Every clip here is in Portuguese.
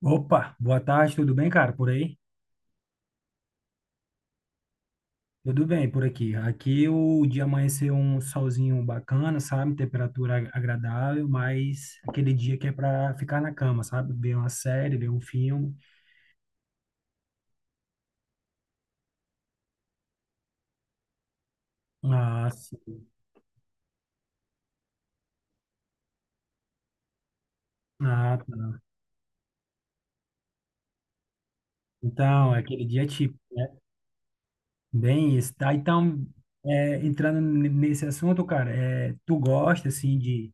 Opa, boa tarde, tudo bem, cara? Por aí? Tudo bem por aqui. Aqui o dia amanheceu um solzinho bacana, sabe? Temperatura agradável, mas aquele dia que é para ficar na cama, sabe? Ver uma série, ver um filme. Nossa, ah, tá. Então, aquele dia é bem isso, tá? Então, é, entrando nesse assunto, cara, é, tu gosta, assim, de,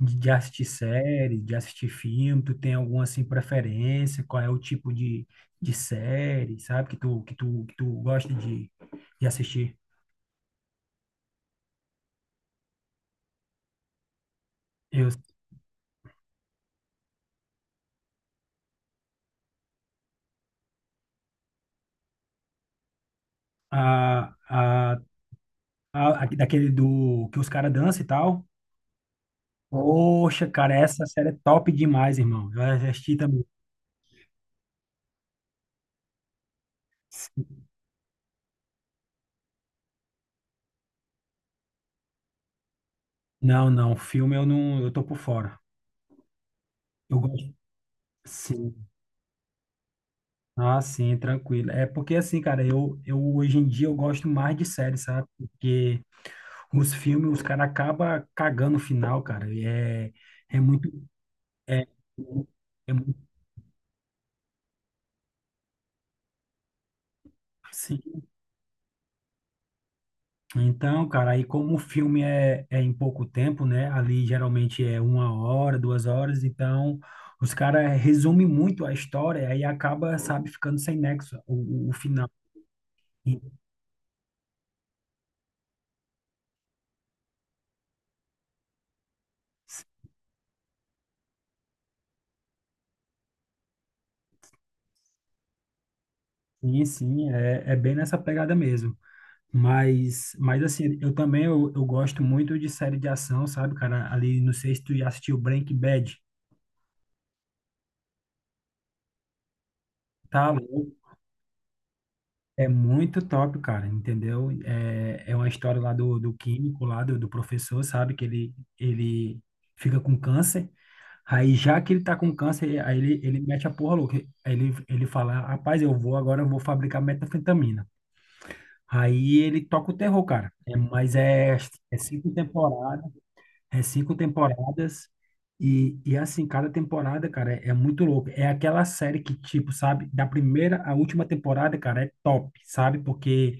de assistir série, de assistir filme, tu tem alguma, assim, preferência? Qual é o tipo de série, sabe, que tu gosta de assistir? Eu, a, a, daquele do que os caras dançam e tal? Poxa, cara, essa série é top demais, irmão. Eu assisti também. Não, não, filme eu não, eu tô por fora. Eu gosto. Sim. Ah, sim, tranquilo. É porque assim, cara, eu hoje em dia eu gosto mais de série, sabe? Porque os filmes, os caras acabam cagando o final, cara. E é, é muito. É, é muito sim. Então, cara, aí como o filme é, é em pouco tempo, né? Ali geralmente é 1 hora, 2 horas, então os caras resumem muito a história, aí acaba, sabe, ficando sem nexo o, o final. E- sim, sim, é, é bem nessa pegada mesmo. Mas assim, eu também eu gosto muito de série de ação, sabe, cara? Ali, não sei se tu já assistiu Breaking Bad, tá louco? É muito top, cara, entendeu? É, é uma história lá do, do químico, lá do, do professor, sabe? Que ele fica com câncer. Aí, já que ele tá com câncer, aí ele mete a porra louca. Aí ele fala, rapaz, eu vou agora, eu vou fabricar metafetamina. Aí ele toca o terror, cara. É, mas é, é cinco temporadas. É cinco temporadas e assim, cada temporada, cara, é, é muito louco. É aquela série que, tipo, sabe, da primeira à última temporada, cara, é top, sabe? Porque,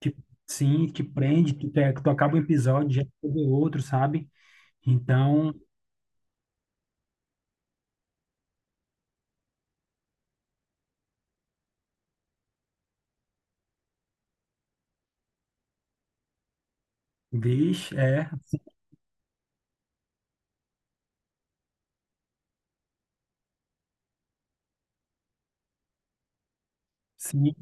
tipo, sim, te prende, tu, quer- tu acaba um episódio, já quer ver outro, sabe? Então, vixe, é, sim,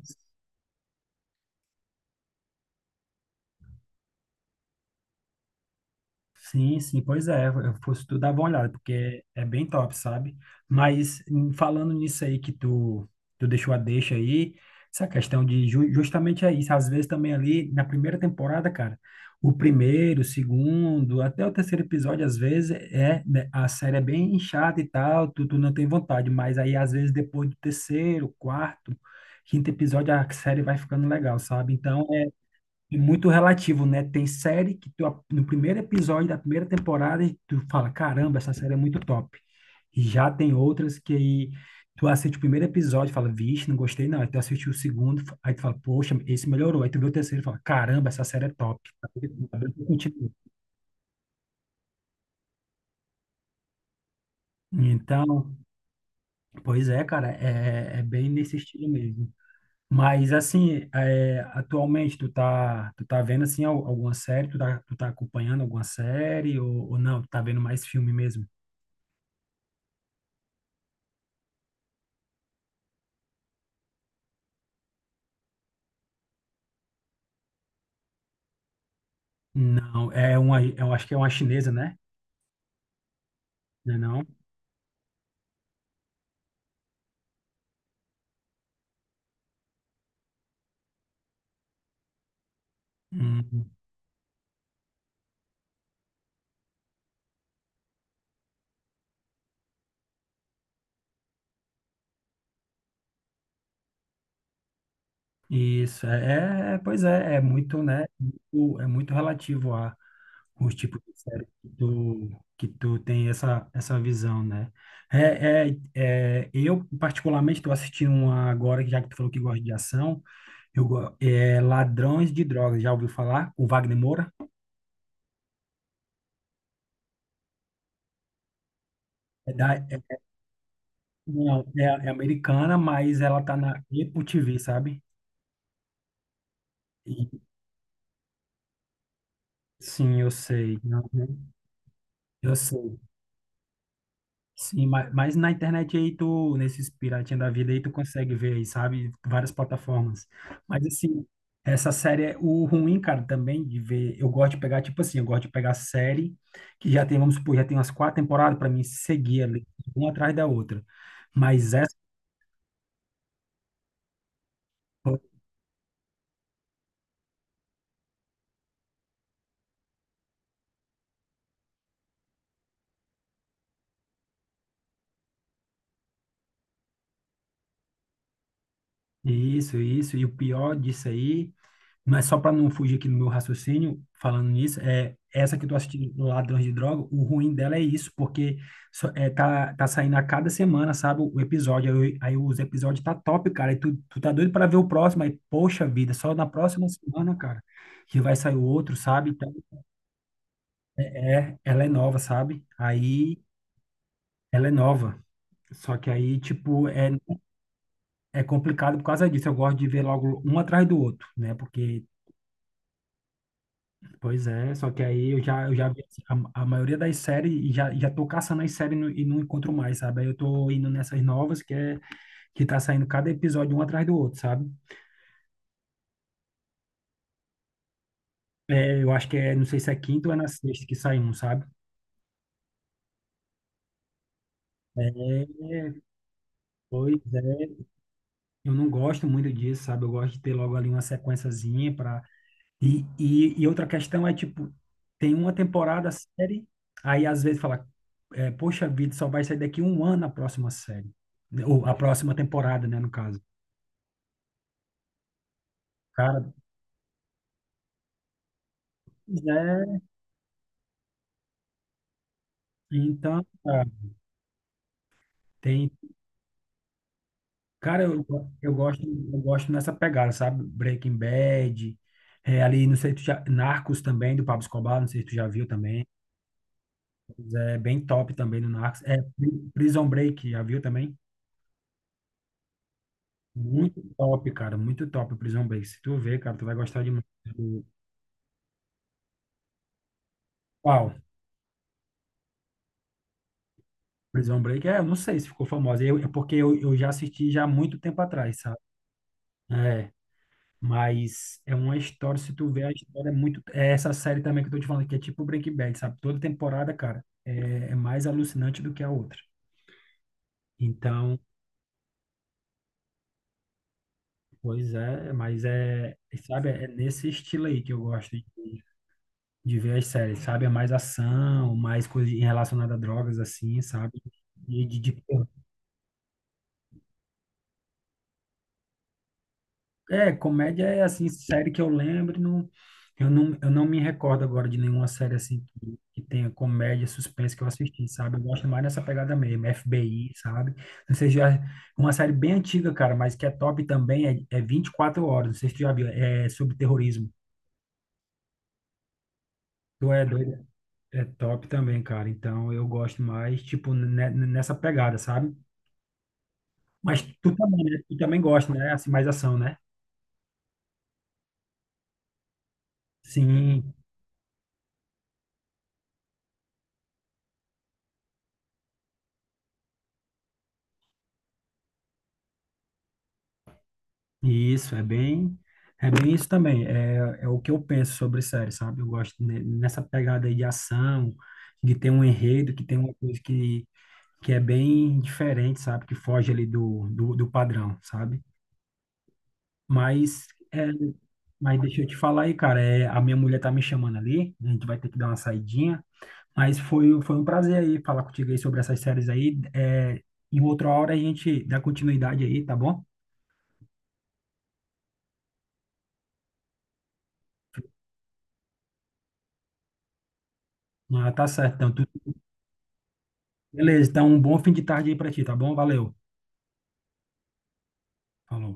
sim, sim, pois é, eu fosse tu dar uma olhada, porque é bem top, sabe? Mas em- falando nisso aí que tu, tu deixou a deixa aí, essa questão de justamente é isso, às vezes também ali na primeira temporada, cara, o primeiro, o segundo, até o terceiro episódio, às vezes é, né, a série é bem chata e tal, tu, tu não tem vontade, mas aí às vezes depois do terceiro, quarto, quinto episódio, a série vai ficando legal, sabe? Então, e muito relativo, né? Tem série que tu, a- no primeiro episódio da primeira temporada tu fala, caramba, essa série é muito top. E já tem outras que aí tu assiste o primeiro episódio e fala, vixe, não gostei não. Aí tu assiste o segundo, aí tu fala, poxa, esse melhorou. Aí tu vê o terceiro e fala, caramba, essa série é top. Tá vendo? Tá vendo que continua. Então, pois é, cara, é, é bem nesse estilo mesmo. Mas assim, é, atualmente tu tá vendo assim alguma série, tu tá acompanhando alguma série ou não? Tu tá vendo mais filme mesmo? Não, é uma, eu acho que é uma chinesa, né? Não é não? Hum, isso, é, é- pois é, é muito, né? Muito- é muito relativo a os tipos de série que tu tem essa, essa visão, né? É, é, é, eu, particularmente, estou assistindo uma agora, já que tu falou que gosta de ação, eu, go- é Ladrões de Drogas, já ouviu falar? O Wagner Moura? É da, é- não, é, é americana, mas ela tá na Apple TV, sabe? E- sim, eu sei. Uhum. Eu sei. Sim, ma- mas, na internet aí tu, nesses piratinha da vida aí, tu consegue ver aí, sabe? Várias plataformas. Mas assim, essa série, é o ruim, cara, também de ver, eu gosto de pegar, tipo assim, eu gosto de pegar série que já tem, vamos supor, já tem umas quatro temporadas pra mim seguir ali, uma atrás da outra. Mas essa, isso, e o pior disso aí mas só para não fugir aqui do meu raciocínio, falando nisso, é essa que eu tô assistindo, Ladrões de Droga, o ruim dela é isso, porque só- é, tá, tá saindo a cada semana, sabe, o episódio. Aí, eu- aí os episódios tá top, cara. E tu, tu tá doido para ver o próximo, aí, poxa vida, só na próxima semana, cara, que vai sair o outro, sabe? Então, é, é- ela é nova, sabe? Aí ela é nova. Só que aí, tipo, é, é complicado por causa disso. Eu gosto de ver logo um atrás do outro, né? Porque pois é, só que aí eu já vi assim, a maioria das séries e já, já tô caçando as séries no- e não encontro mais, sabe? Aí eu tô indo nessas novas que é que tá saindo cada episódio um atrás do outro, sabe? É, eu acho que é, não sei se é quinta ou é na sexta que sai um, sabe? É, pois é. Eu não gosto muito disso, sabe? Eu gosto de ter logo ali uma sequenciazinha e, e outra questão é, tipo, tem uma temporada a série, aí às vezes fala, é, poxa vida, só vai sair daqui 1 ano a próxima série. Né, ou a próxima temporada, né, no caso. Cara, pois é, então, cara, tem. Cara, eu, eu gosto nessa pegada, sabe? Breaking Bad, é, ali, não sei se tu já. Narcos também, do Pablo Escobar, não sei se tu já viu também. Mas é bem top também no Narcos. É, Prison Break, já viu também? Muito top, cara, muito top o Prison Break. Se tu ver, cara, tu vai gostar demais. Do- qual? Prison Break? É, eu não sei se ficou famosa. Eu, é porque eu já assisti já há muito tempo atrás, sabe? É, mas é uma história, se tu ver, a história é muito... É essa série também que eu tô te falando, que é tipo Breaking Bad, sabe? Toda temporada, cara, é, é mais alucinante do que a outra. Então, pois é, mas é... Sabe, é nesse estilo aí que eu gosto. De ver as séries, sabe? É mais ação, mais coisa em- relacionada a drogas, assim, sabe? E de- é, comédia é, assim, série que eu lembro, não, eu não me recordo agora de nenhuma série, assim, que tenha comédia, suspense que eu assisti, sabe? Eu gosto mais dessa pegada mesmo, FBI, sabe? Não sei se já... Uma série bem antiga, cara, mas que é top também, é, é 24 horas, não sei se tu já viu, é sobre terrorismo. Tu é doido? É top também, cara. Então eu gosto mais, tipo, nessa pegada, sabe? Mas tu também, né? Tu também gosta, né? Assim, mais ação, né? Sim, isso, é bem isso também. É, é o que eu penso sobre série, sabe? Eu gosto nessa pegada aí de ação, de ter um enredo, que tem uma coisa que é bem diferente, sabe? Que foge ali do, do padrão, sabe? Mas, é, mas deixa eu te falar aí, cara, é, a minha mulher tá me chamando ali, a gente vai ter que dar uma saidinha. Mas foi um prazer aí falar contigo aí sobre essas séries aí. É, em outra hora a gente dá continuidade aí, tá bom? Ah, tá certo. Então, tu- beleza. Então, um bom fim de tarde aí pra ti, tá bom? Valeu. Falou.